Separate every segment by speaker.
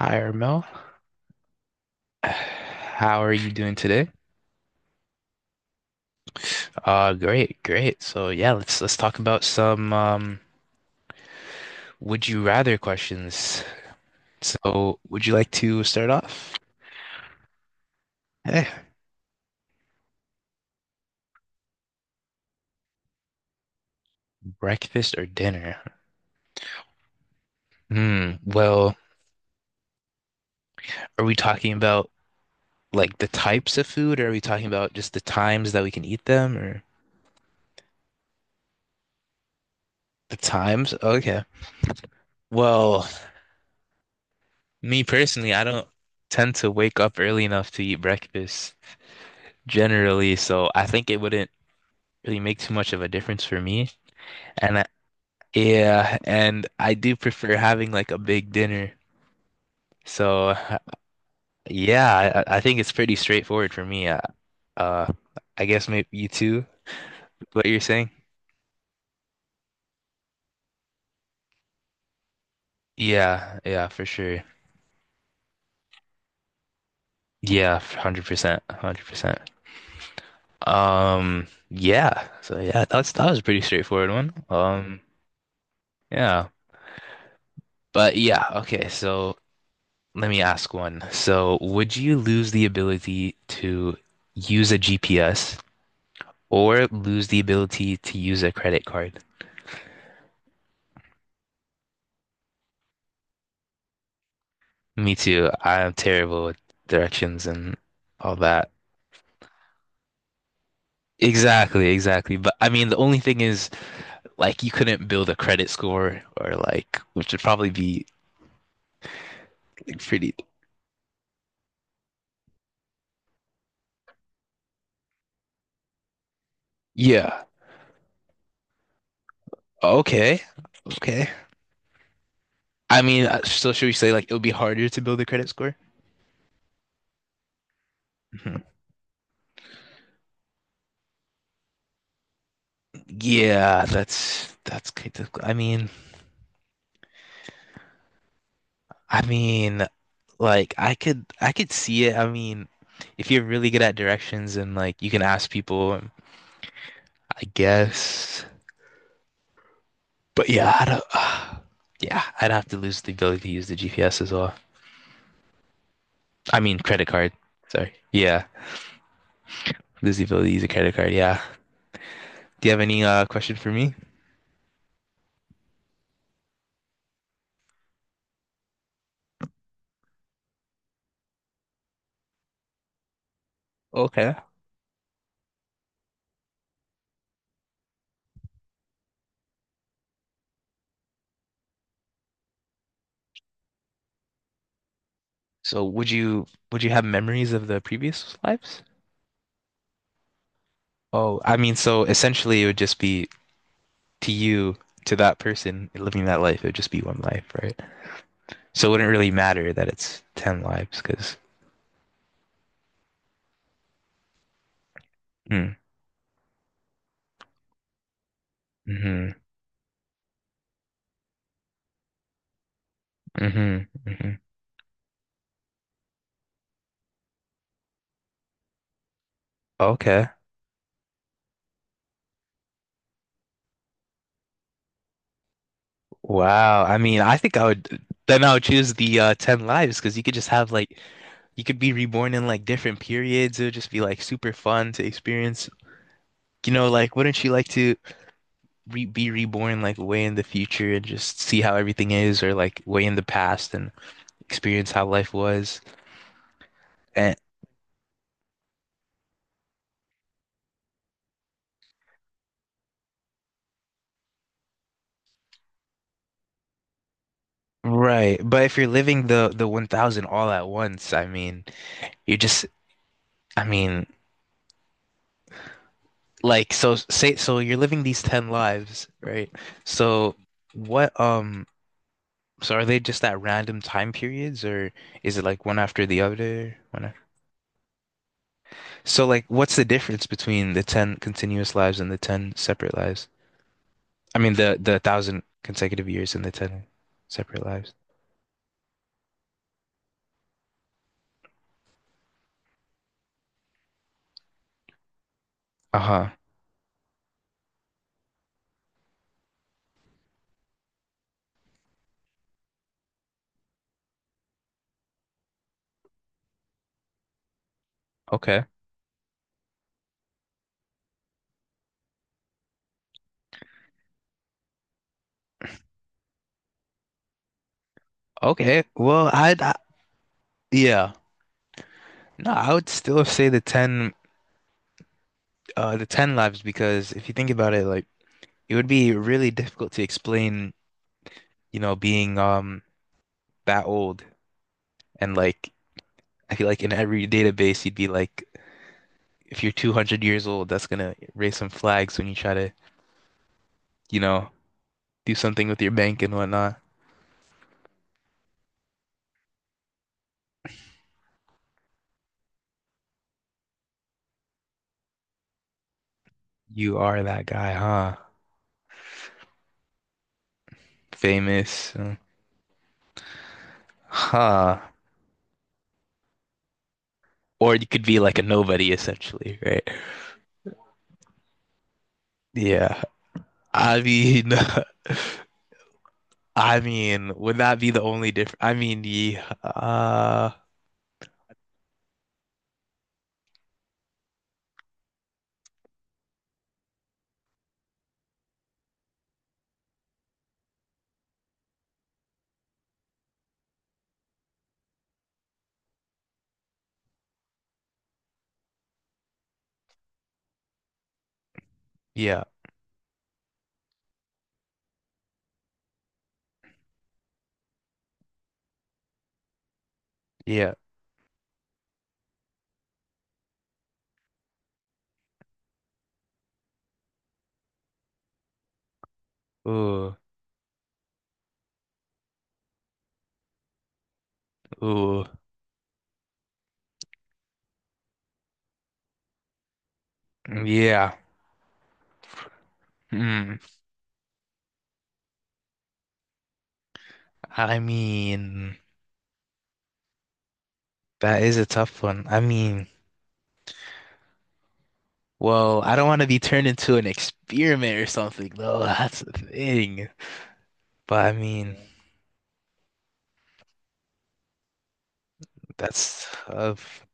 Speaker 1: Hi, Ermel. How are you doing today? Great, great. So yeah, let's talk about some would you rather questions. So, would you like to start off? Eh, breakfast or dinner? Hmm. Well, are we talking about like the types of food, or are we talking about just the times that we can eat them, or the times? Okay. Well, me personally, I don't tend to wake up early enough to eat breakfast generally, so I think it wouldn't really make too much of a difference for me. And yeah, and I do prefer having like a big dinner. So yeah, I think it's pretty straightforward for me. Uh, I guess maybe you too, what you're saying? Yeah, yeah, for sure. Yeah, 100%, 100%. Yeah. So yeah, that was a pretty straightforward one. Yeah. But yeah, okay, so let me ask one. So, would you lose the ability to use a GPS or lose the ability to use a credit card? Me too. I am terrible with directions and all that. Exactly, exactly. But I mean, the only thing is, like, you couldn't build a credit score or, like, which would probably be like, pretty. Yeah. Okay. Okay. I mean, so should we say, like, it would be harder to build a credit score? Mhm. Yeah, that's good. I mean, I mean, like I could see it. I mean, if you're really good at directions and like you can ask people, I guess. But yeah, I don't, yeah, I'd have to lose the ability to use the GPS as well. I mean, credit card. Sorry. Yeah, lose the ability to use a credit card. Yeah. Do you have any question for me? Okay. So would you have memories of the previous lives? Oh, I mean, so essentially it would just be to you, to that person living that life, it would just be one life, right? So it wouldn't really matter that it's 10 lives because. Mm, hmm hmm hmm. Okay. Wow. I mean, I think I would then I would choose the 10 lives because you could just have like you could be reborn in like different periods. It would just be like super fun to experience. You know, like wouldn't you like to re be reborn like way in the future and just see how everything is, or like way in the past and experience how life was? And right, but if you're living the 1000 all at once, I mean, you're just I mean, like, so say, so you're living these 10 lives, right? So what, so are they just at random time periods or is it like one after the other? One after... So like, what's the difference between the 10 continuous lives and the 10 separate lives? I mean, the thousand consecutive years and the 10 separate lives. Uh-huh. Okay. Okay. Well, I, yeah. No, I would still say the 10, the 10 lives because if you think about it, like, it would be really difficult to explain you know, being that old and like I feel like in every database you'd be like if you're 200 years old, that's gonna raise some flags when you try to, you know, do something with your bank and whatnot. You are that guy, huh? Famous, huh? Or you could be like a nobody essentially, right? Yeah. I mean, I mean, would that be the only difference? I mean, the yeah, yeah. Ooh, ooh, yeah. Hmm. I mean, that is a tough one. I mean, well, I don't want to be turned into an experiment or something, though. That's the thing. But I mean, yeah, that's tough.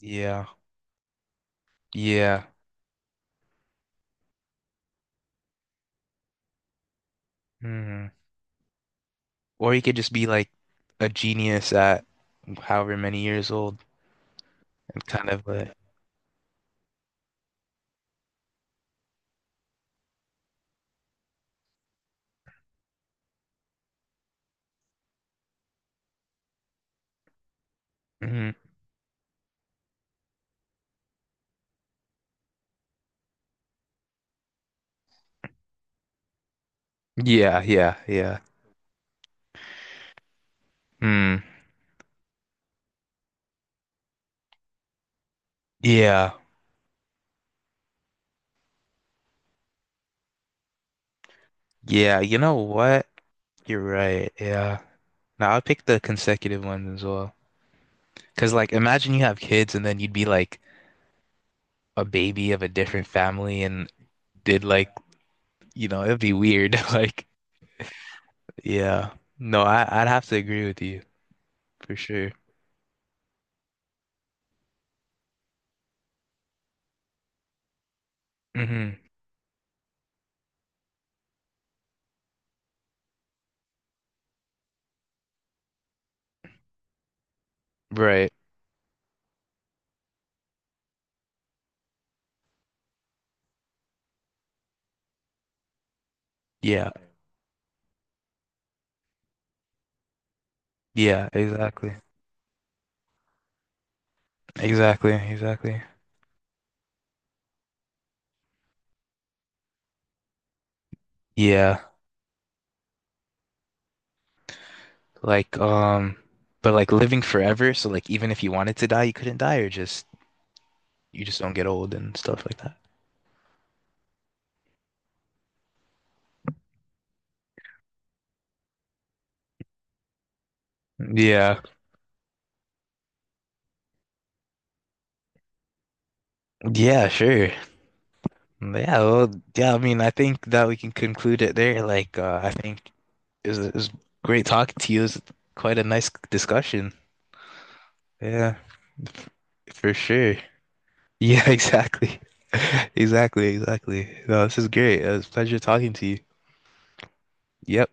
Speaker 1: Yeah. Yeah. Hmm. Or you could just be like a genius at however many years old and kind of mhm. Yeah, yeah, yeah. Hmm. Yeah. Yeah. You know what? You're right. Yeah. Now I'll pick the consecutive ones as well. Because, like, imagine you have kids and then you'd be like, a baby of a different family and did like, you know, it'd be weird. Like, yeah. No, I'd have to agree with you for sure. Hmm. Right. Yeah. Yeah, exactly. Exactly. Exactly. Yeah. Like, but like living forever, so like even if you wanted to die, you couldn't die or just you just don't get old and stuff like that. Yeah. Yeah, sure. Yeah, well, yeah, I mean, I think that we can conclude it there. Like, I think it was, it was great talking to you. It was quite a nice discussion. Yeah, f- for sure. Yeah, exactly. Exactly, exactly. No, this is great. It was a pleasure talking to you. Yep.